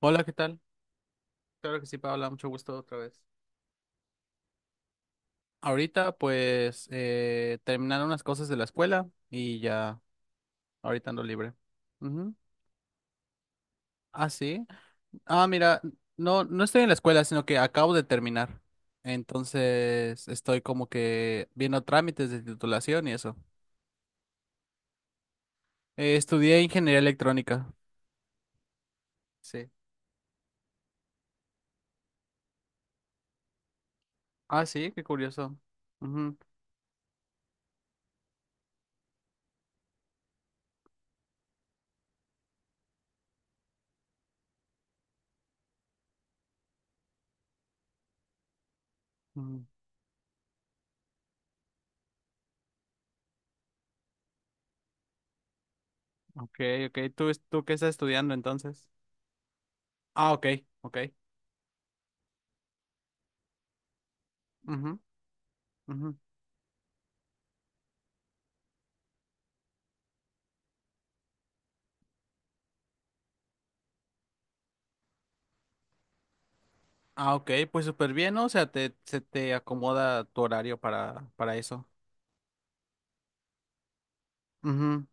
Hola, ¿qué tal? Claro que sí, Paola, mucho gusto otra vez. Ahorita, pues, terminaron unas cosas de la escuela y ya, ahorita ando libre. Ujú. Ah, sí. Ah, mira, no estoy en la escuela, sino que acabo de terminar. Entonces, estoy como que viendo trámites de titulación y eso. Estudié ingeniería electrónica. Sí. Ah, sí, qué curioso. Ujú, ujú. Ok, ok. ¿Tú, tú qué estás estudiando entonces? Ah, ok, ok. Ujú, ujú. Ah, ok, pues súper bien, ¿no? O sea, se te acomoda tu horario para eso. Ujú.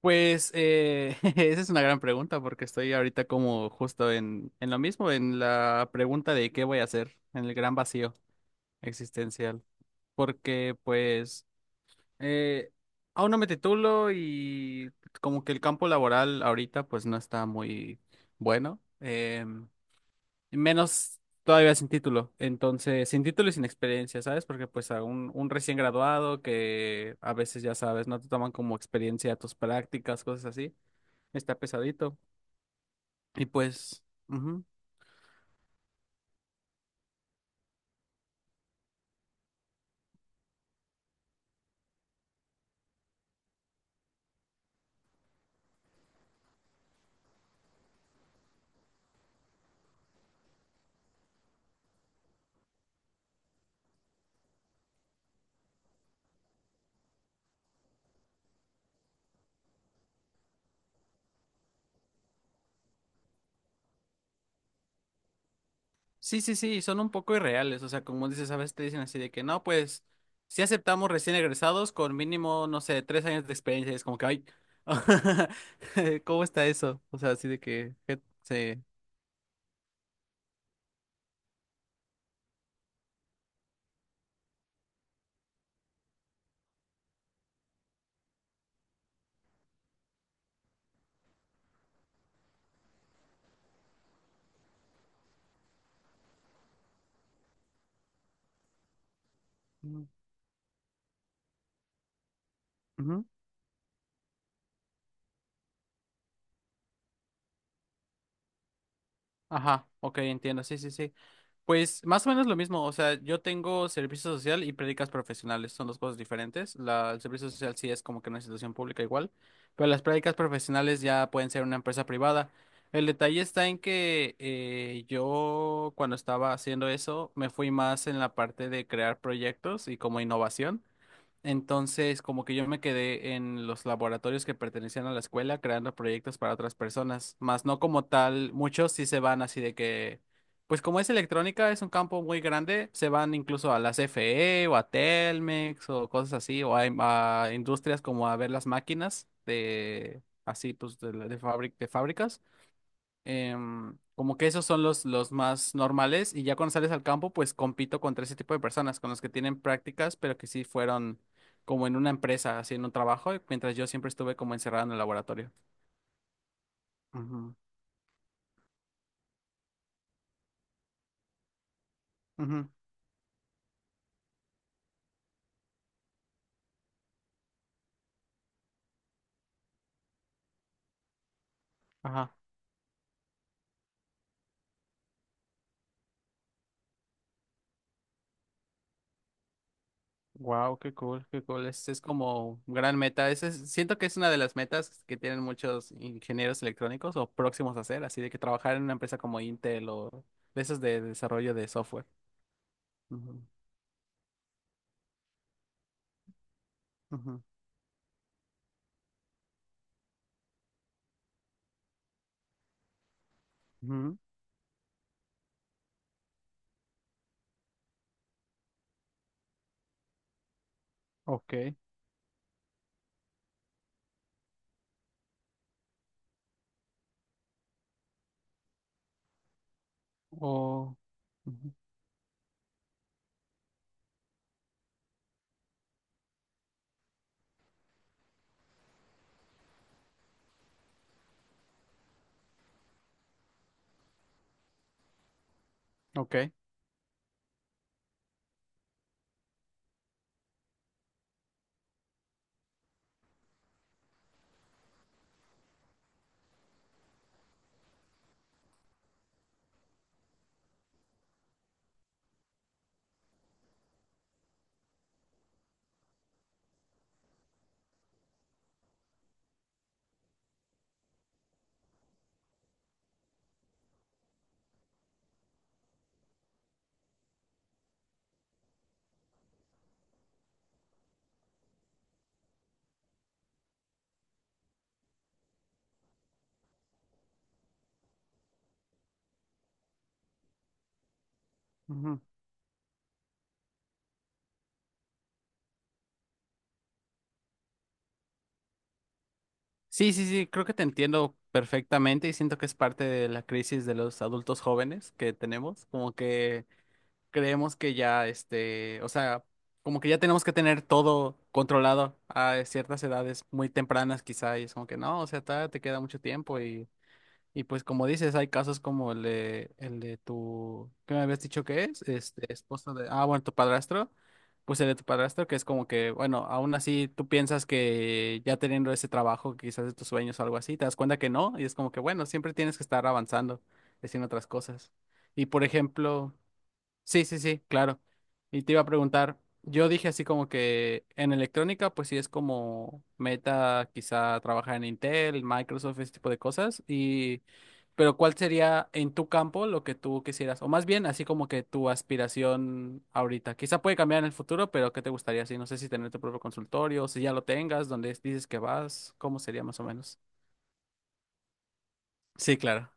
Pues esa es una gran pregunta porque estoy ahorita como justo en lo mismo, en la pregunta de qué voy a hacer, en el gran vacío existencial. Porque pues eh, aún no me titulo y como que el campo laboral ahorita pues no está muy bueno. Menos todavía sin título. Entonces, sin título y sin experiencia, ¿sabes? Porque pues a un recién graduado que a veces ya sabes, no te toman como experiencia tus prácticas, cosas así, está pesadito. Y pues, ujú. Sí, sí, sí, son un poco irreales. O sea, como dices, a veces te dicen así de que no, pues, si aceptamos recién egresados con mínimo, no sé, tres años de experiencia. Y es como que, ay, ¿cómo está eso? O sea, así de que se... ujú. Ajá, ok, entiendo, sí, sí, sí. Pues más o menos lo mismo, o sea, yo tengo servicio social y prácticas profesionales, son dos cosas diferentes. El servicio social sí es como que una institución pública igual, pero las prácticas profesionales ya pueden ser una empresa privada. El detalle está en que yo cuando estaba haciendo eso me fui más en la parte de crear proyectos y como innovación. Entonces, como que yo me quedé en los laboratorios que pertenecían a la escuela creando proyectos para otras personas, más no como tal, muchos sí se van así de que, pues como es electrónica, es un campo muy grande, se van incluso a la CFE o a Telmex o cosas así, o a industrias como a ver las máquinas de, así pues de, de fábricas. Como que esos son los más normales y ya cuando sales al campo, pues compito contra ese tipo de personas, con los que tienen prácticas, pero que sí fueron como en una empresa, haciendo un trabajo, mientras yo siempre estuve como encerrado en el laboratorio. Ujú, ujú, ajá. Wow, qué cool, qué cool. Es como gran meta. Ese siento que es una de las metas que tienen muchos ingenieros electrónicos o próximos a hacer, así de que trabajar en una empresa como Intel o de esas de desarrollo de software. Ujú, ujú, ujú. Ok. Oh, ujú, ok. Ujú. Sí, sí, sí, creo que te entiendo perfectamente y siento que es parte de la crisis de los adultos jóvenes que tenemos, como que creemos que ya, este, o sea, como que ya tenemos que tener todo controlado a ciertas edades muy tempranas quizá y es como que no, o sea, todavía te queda mucho tiempo. Y pues como dices, hay casos como el de tu, ¿qué me habías dicho que es? Este, esposo de, ah, bueno, tu padrastro, pues el de tu padrastro, que es como que, bueno, aún así tú piensas que ya teniendo ese trabajo, quizás de tus sueños o algo así, te das cuenta que no, y es como que, bueno, siempre tienes que estar avanzando, haciendo otras cosas. Y por ejemplo, sí, sí, sí, claro. Y te iba a preguntar, yo dije así como que en electrónica, pues sí es como meta quizá trabajar en Intel, Microsoft, ese tipo de cosas. Y, pero ¿cuál sería en tu campo lo que tú quisieras? O más bien, así como que tu aspiración ahorita. Quizá puede cambiar en el futuro, pero ¿qué te gustaría así? No sé si tener tu propio consultorio, si ya lo tengas, donde dices que vas, ¿cómo sería más o menos? Sí, claro.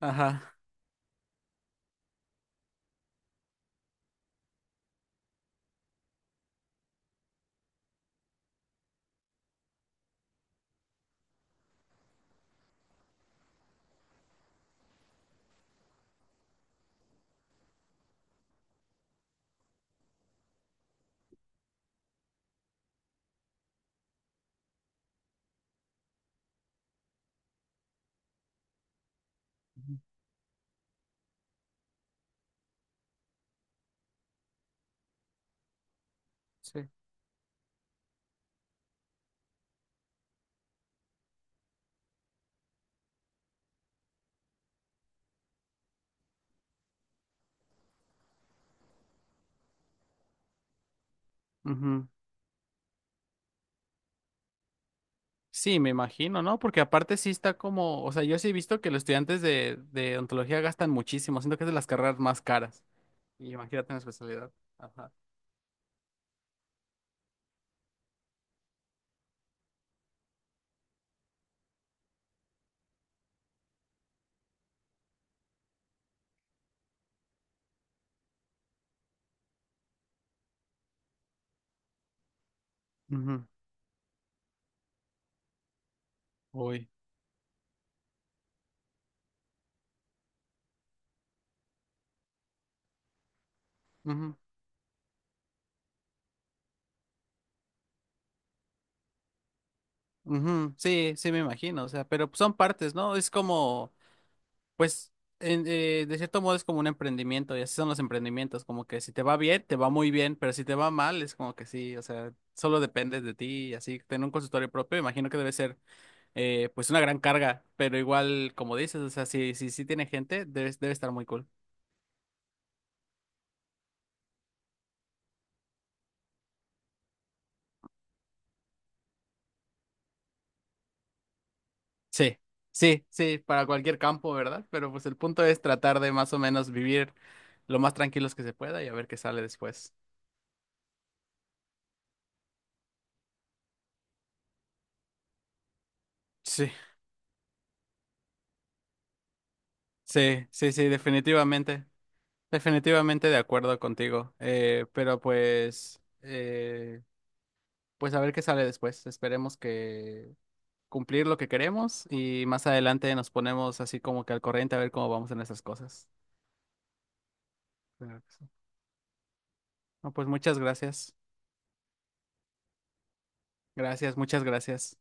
Ajá. Ujú. Sí. Ujú. Sí, me imagino, ¿no? Porque aparte sí está como, o sea, yo sí he visto que los estudiantes de odontología gastan muchísimo, siento que es de las carreras más caras. Y imagínate en la especialidad. Ajá. Ujú. Uy. Ujú. Ujú. Sí, sí me imagino, o sea, pero son partes, ¿no? Es como, pues, de cierto modo es como un emprendimiento, y así son los emprendimientos, como que si te va bien, te va muy bien, pero si te va mal, es como que sí, o sea, solo depende de ti, y así, tener un consultorio propio, imagino que debe ser. Pues una gran carga, pero igual, como dices, o sea, si tiene gente, debe, debe estar muy cool. Sí, sí, sí, para cualquier campo, ¿verdad? Pero pues el punto es tratar de más o menos vivir lo más tranquilos que se pueda y a ver qué sale después. Sí, sí, sí, sí, definitivamente, definitivamente de acuerdo contigo, pero pues, pues a ver qué sale después, esperemos que cumplir lo que queremos y más adelante nos ponemos así como que al corriente a ver cómo vamos en esas cosas. Claro que sí. No, pues muchas gracias. Gracias, muchas gracias.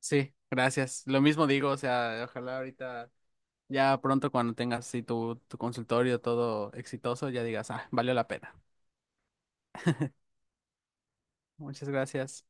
Sí, gracias. Lo mismo digo, o sea, ojalá ahorita, ya pronto cuando tengas sí, tu consultorio todo exitoso, ya digas, ah, valió la pena. Muchas gracias.